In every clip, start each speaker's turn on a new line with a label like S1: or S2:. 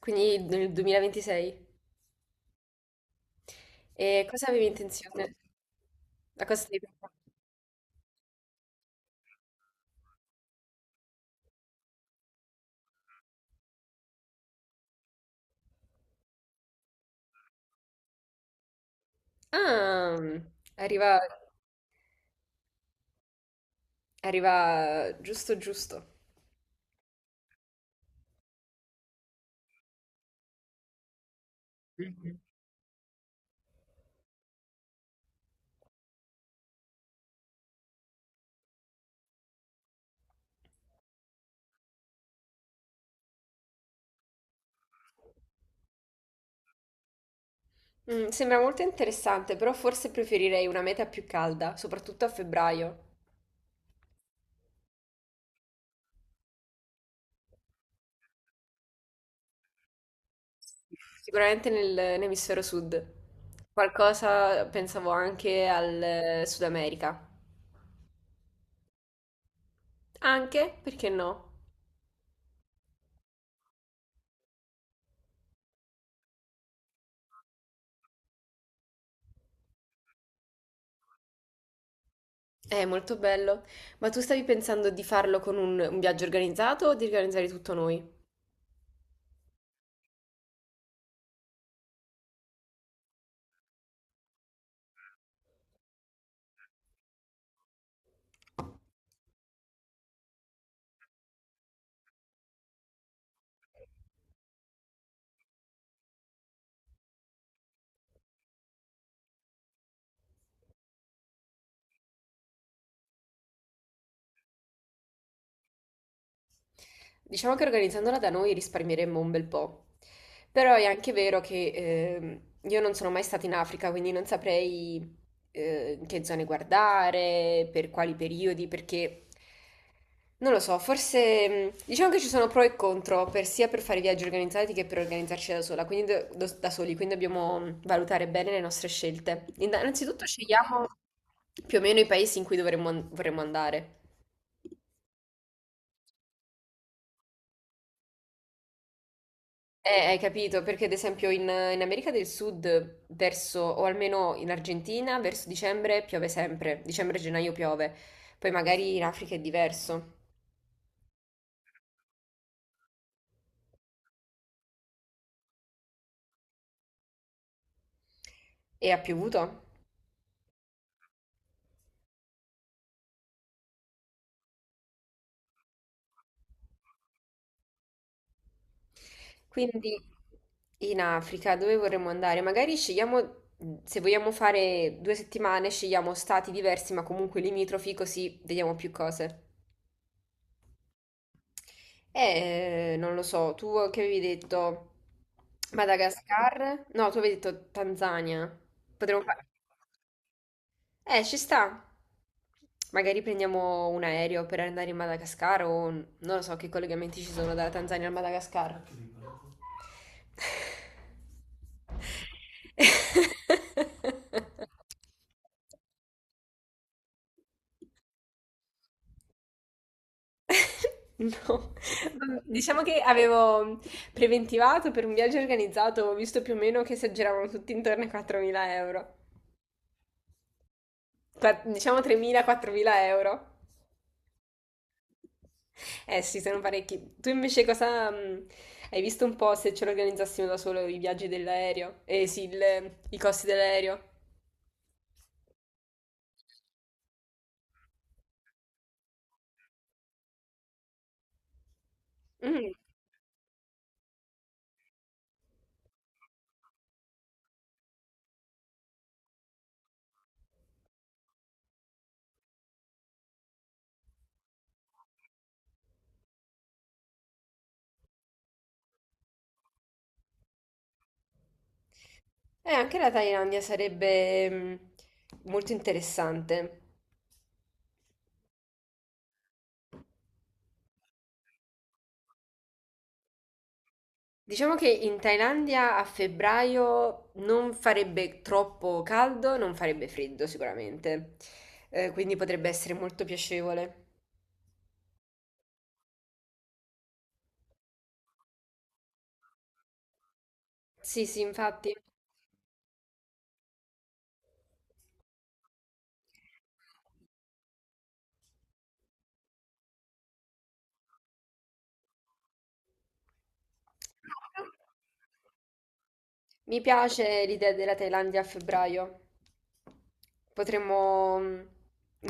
S1: Quindi nel 2026. E cosa avevi intenzione? A cosa stai pensando? Ah, arriva, arriva giusto giusto. Mhm. Sembra molto interessante, però forse preferirei una meta più calda, soprattutto a febbraio. Sicuramente nell'emisfero sud. Qualcosa pensavo anche al Sud America. Anche, perché no? È molto bello. Ma tu stavi pensando di farlo con un viaggio organizzato o di organizzare tutto noi? Diciamo che organizzandola da noi risparmieremmo un bel po', però è anche vero che io non sono mai stata in Africa, quindi non saprei che zone guardare, per quali periodi, perché non lo so, forse diciamo che ci sono pro e contro, sia per fare viaggi organizzati che per organizzarci da sola, quindi da soli, quindi dobbiamo valutare bene le nostre scelte. Innanzitutto scegliamo più o meno i paesi in cui vorremmo andare. Hai capito, perché ad esempio in America del Sud, verso, o almeno in Argentina, verso dicembre piove sempre, dicembre-gennaio piove, poi magari in Africa è diverso e ha piovuto. Quindi in Africa dove vorremmo andare? Magari scegliamo, se vogliamo fare 2 settimane, scegliamo stati diversi ma comunque limitrofi, così vediamo più cose. Non lo so, tu che avevi detto Madagascar? No, tu avevi detto Tanzania. Potremmo fa- ci sta. Magari prendiamo un aereo per andare in Madagascar o non lo so che collegamenti ci sono dalla Tanzania al Madagascar. No, diciamo che avevo preventivato per un viaggio organizzato, ho visto più o meno che si aggiravano tutti intorno ai 4.000 euro. Diciamo 3.000-4.000 euro. Eh sì, sono parecchi. Tu invece cosa hai visto un po' se ce l'organizzassimo da solo i viaggi dell'aereo? Eh sì, i costi dell'aereo. Mm. Anche la Thailandia sarebbe molto interessante. Diciamo che in Thailandia a febbraio non farebbe troppo caldo, non farebbe freddo sicuramente, quindi potrebbe essere molto piacevole. Sì, sì, infatti. Mi piace l'idea della Thailandia a febbraio. Potremmo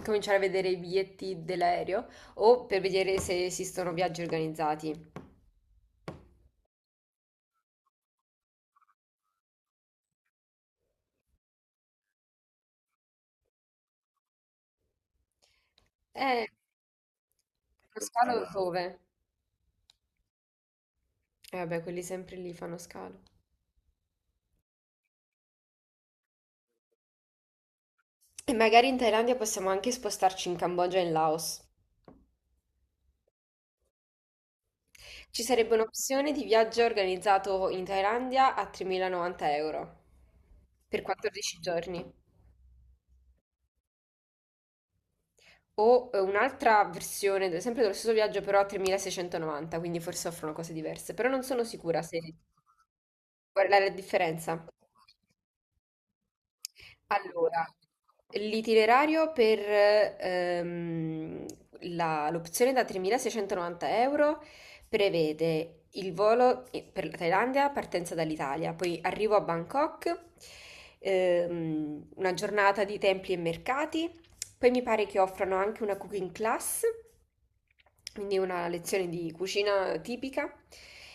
S1: cominciare a vedere i biglietti dell'aereo o per vedere se esistono viaggi organizzati. Eh, lo scalo dove? Eh vabbè, quelli sempre lì fanno scalo. E magari in Thailandia possiamo anche spostarci in Cambogia e in Laos. Ci sarebbe un'opzione di viaggio organizzato in Thailandia a 3.090 euro per 14 giorni. O un'altra versione, sempre dello stesso viaggio, però a 3.690, quindi forse offrono cose diverse, però non sono sicura se. Qual è la differenza? Allora, l'itinerario per l'opzione da 3.690 euro prevede il volo per la Thailandia, partenza dall'Italia, poi arrivo a Bangkok, una giornata di templi e mercati, poi mi pare che offrano anche una cooking class, quindi una lezione di cucina tipica,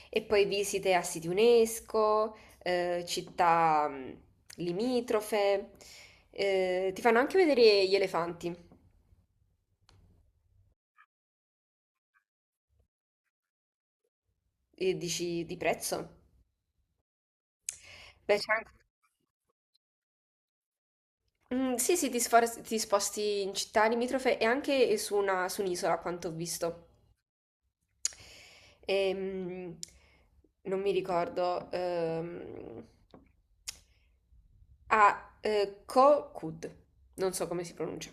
S1: e poi visite a siti UNESCO città limitrofe, ti fanno anche vedere gli elefanti e dici di prezzo. Beh, c'è anche. Sì, sì, ti, ti sposti in città limitrofe e anche su su un'isola, a quanto ho visto. Ehm, Non mi ricordo. Ah, Ko Kud. Non so come si pronuncia.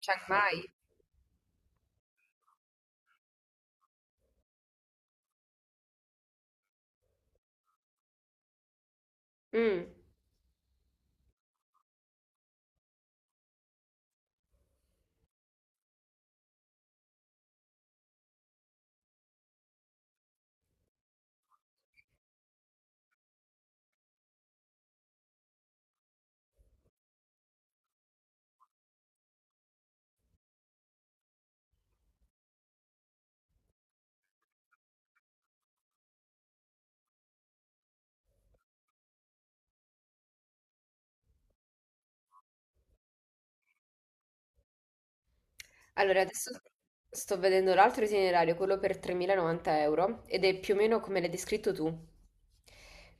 S1: Chiang Mai. Mm. Allora, adesso sto vedendo l'altro itinerario, quello per 3.090 euro, ed è più o meno come l'hai descritto tu.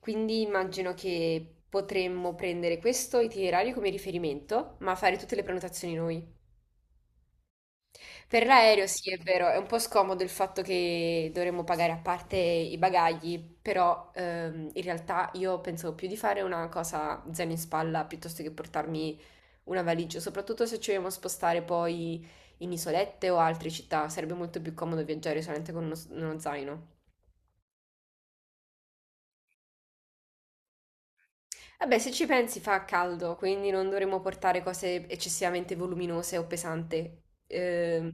S1: Quindi immagino che potremmo prendere questo itinerario come riferimento, ma fare tutte le prenotazioni noi. Per l'aereo, sì, è vero, è un po' scomodo il fatto che dovremmo pagare a parte i bagagli, però in realtà io pensavo più di fare una cosa zaino in spalla piuttosto che portarmi una valigia, soprattutto se ci vogliamo spostare poi in isolette o altre città, sarebbe molto più comodo viaggiare solamente con uno zaino. Vabbè, se ci pensi fa caldo, quindi non dovremmo portare cose eccessivamente voluminose o pesanti. Ehm,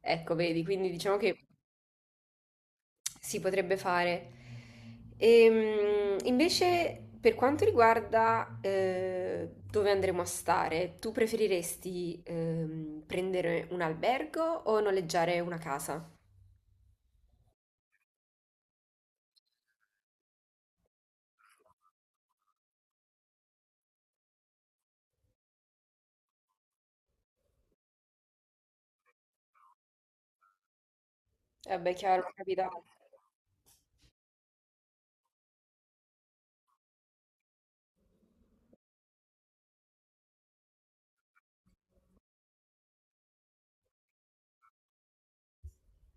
S1: ecco, vedi, quindi diciamo che si potrebbe fare. Invece, per quanto riguarda dove andremo a stare, tu preferiresti prendere un albergo o noleggiare una casa? Eh beh, chiaro, capita.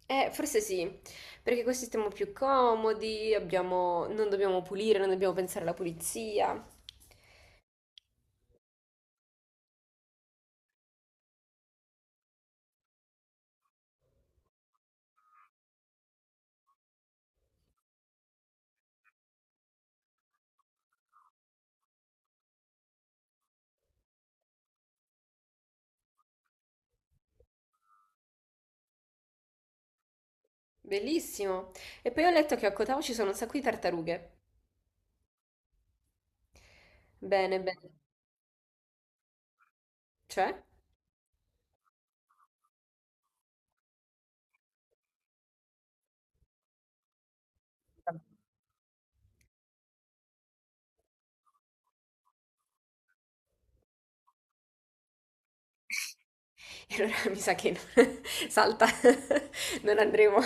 S1: Forse sì, perché così stiamo più comodi, non dobbiamo pulire, non dobbiamo pensare alla pulizia. Bellissimo. E poi ho letto che a Kotao ci sono un sacco di tartarughe. Bene, bene. Cioè? E allora mi sa che no. Salta, non andremo.